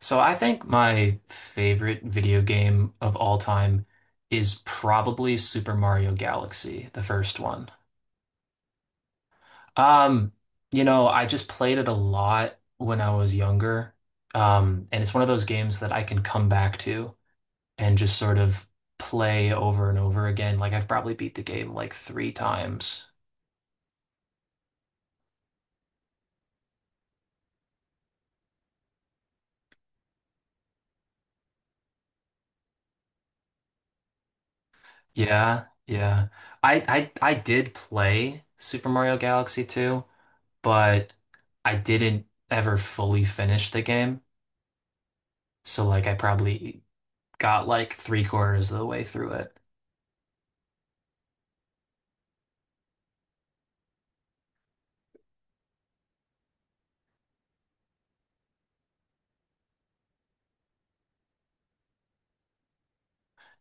So I think my favorite video game of all time is probably Super Mario Galaxy, the first one. Um, you know, I just played it a lot when I was younger. And it's one of those games that I can come back to and just sort of play over and over again. Like I've probably beat the game like three times. Yeah, yeah. I did play Super Mario Galaxy 2, but I didn't ever fully finish the game. So like I probably got like three-quarters of the way through it.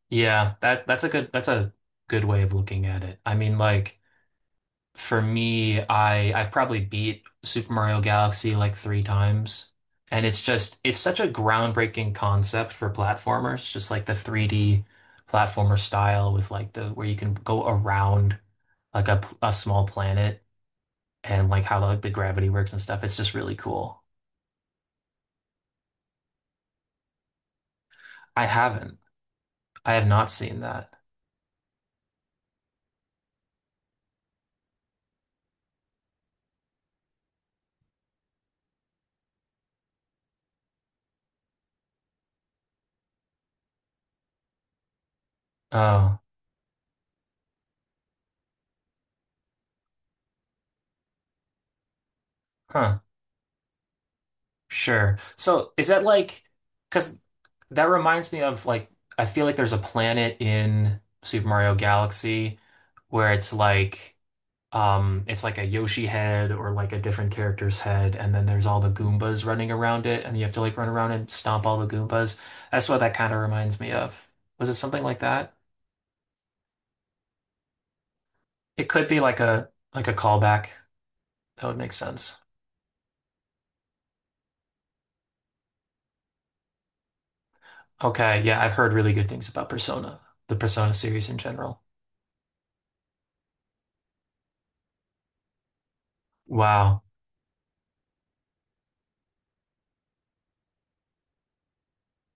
Yeah, that's a good that's a good way of looking at it. I mean, like for me, I've probably beat Super Mario Galaxy like three times. And it's such a groundbreaking concept for platformers, just like the 3D platformer style with like the where you can go around like a small planet and like how like the gravity works and stuff. It's just really cool. I haven't. I have not seen that. Oh, huh. Sure. So is that like, because that reminds me of like, I feel like there's a planet in Super Mario Galaxy where it's like a Yoshi head or like a different character's head, and then there's all the Goombas running around it, and you have to like run around and stomp all the Goombas. That's what that kind of reminds me of. Was it something like that? It could be like a callback. That would make sense. Okay, yeah, I've heard really good things about Persona, the Persona series in general. Wow.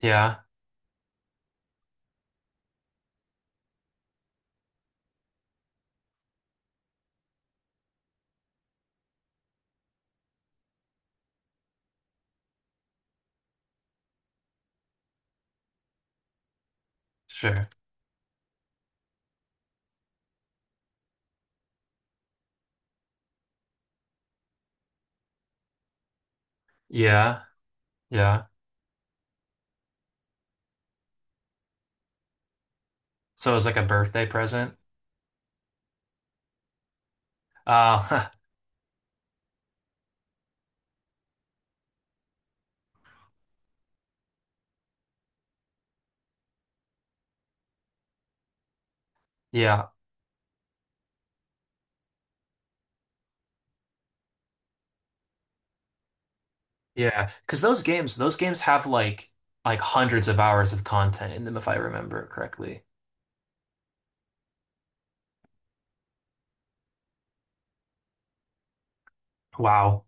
Yeah, sure. Yeah, yeah. So it was like a birthday present. Uh, yeah, yeah. Because those games have like hundreds of hours of content in them, if I remember correctly. Wow.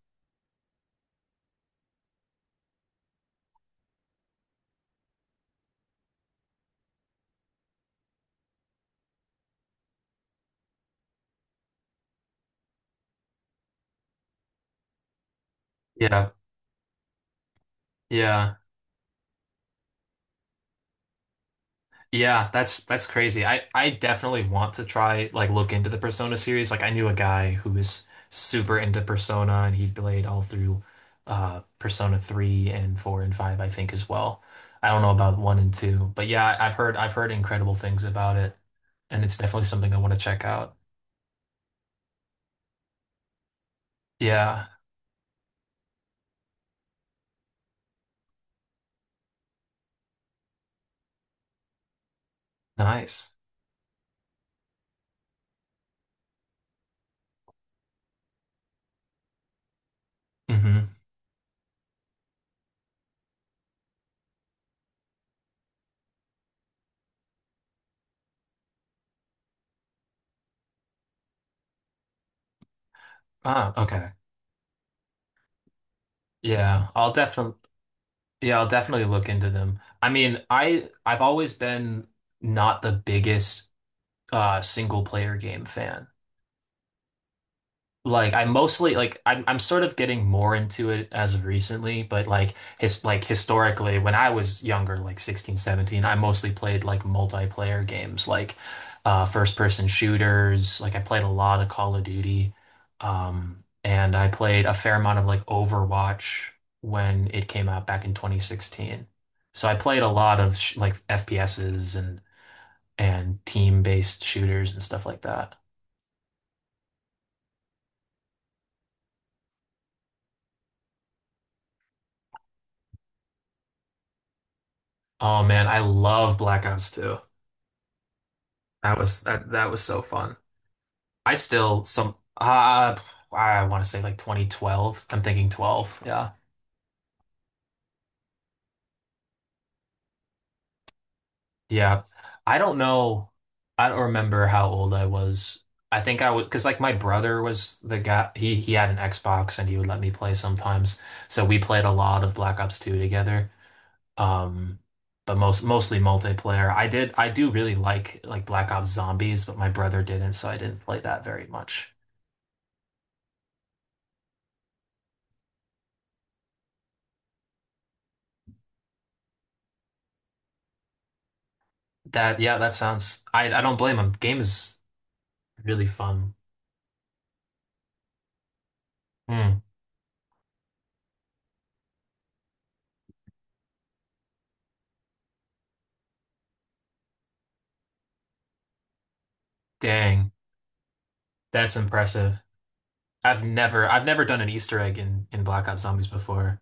Yeah, yeah. Yeah, that's crazy. I definitely want to try like look into the Persona series. Like I knew a guy who was super into Persona and he played all through Persona 3 and 4 and 5, I think, as well. I don't know about 1 and 2, but yeah, I've heard incredible things about it, and it's definitely something I want to check out. Yeah, nice. Hmm. Ah, okay. Yeah, I'll definitely yeah, I'll definitely look into them. I mean, I've always been not the biggest single player game fan. Like I mostly like I'm sort of getting more into it as of recently, but like historically when I was younger, like 16, 17, I mostly played like multiplayer games like first person shooters. Like I played a lot of Call of Duty. And I played a fair amount of like Overwatch when it came out back in 2016. So I played a lot of sh like FPSs and team-based shooters and stuff like that. Oh man, I love Black Ops 2. That was so fun. I still some I want to say like 2012. I'm thinking 12. Yeah. Yeah. I don't know. I don't remember how old I was. I think I was because like my brother was the guy he had an Xbox and he would let me play sometimes. So we played a lot of Black Ops 2 together. Um but mostly multiplayer. I do really like Black Ops Zombies, but my brother didn't, so I didn't play that very much. That yeah, that sounds. I don't blame him. Game is really fun. Hmm. Dang, that's impressive. I've never done an Easter egg in Black Ops Zombies before.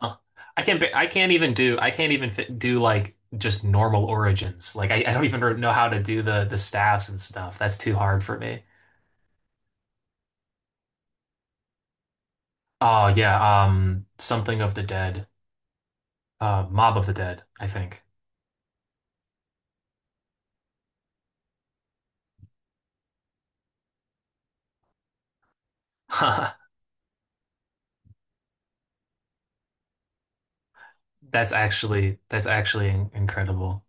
Huh. I can't even do I can't even fit, do like just normal origins. Like I don't even know how to do the staffs and stuff. That's too hard for me. Oh yeah, something of the dead, Mob of the Dead, I think. That's actually incredible.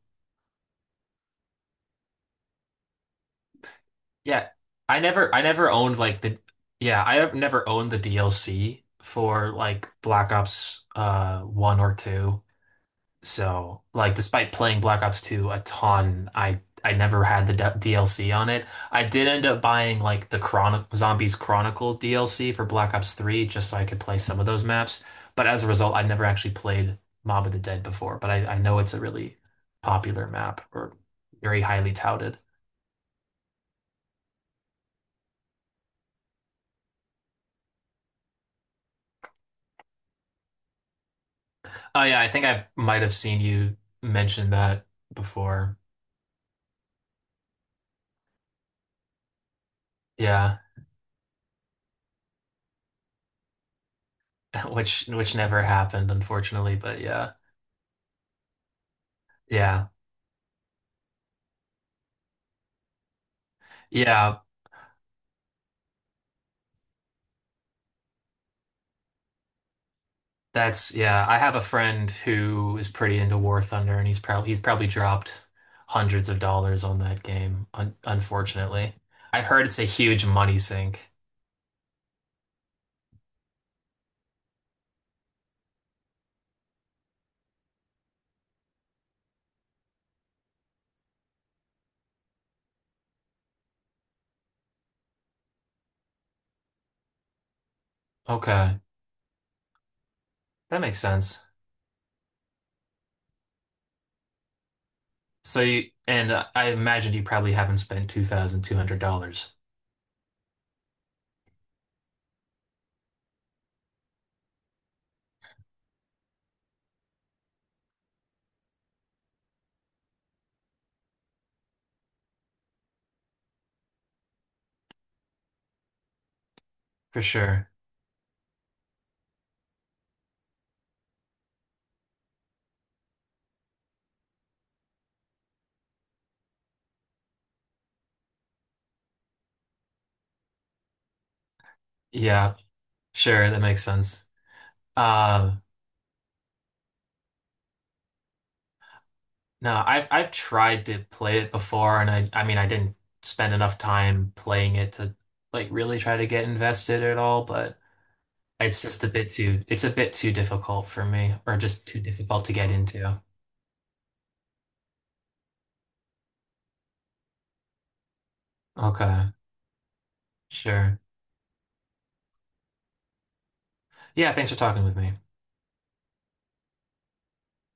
Yeah, I never owned like the yeah, I have never owned the DLC for like Black Ops 1 or 2. So, like despite playing Black Ops 2 a ton, I never had the d DLC on it. I did end up buying like the Chron Zombies Chronicle DLC for Black Ops 3 just so I could play some of those maps, but as a result, I never actually played Mob of the Dead before, but I know it's a really popular map or very highly touted. Oh yeah, I think I might have seen you mention that before. Yeah, which never happened, unfortunately, but yeah. Yeah. Yeah, that's yeah, I have a friend who is pretty into War Thunder and he's probably dropped hundreds of dollars on that game, un unfortunately. I've heard it's a huge money sink. Okay, that makes sense. So you, and I imagine you probably haven't spent $2,200. For sure. Yeah, sure, that makes sense. Um No, I've tried to play it before, and I mean I didn't spend enough time playing it to like really try to get invested at all, but it's just a bit too it's a bit too difficult for me, or just too difficult to get into. Okay, sure. Yeah, thanks for talking with me.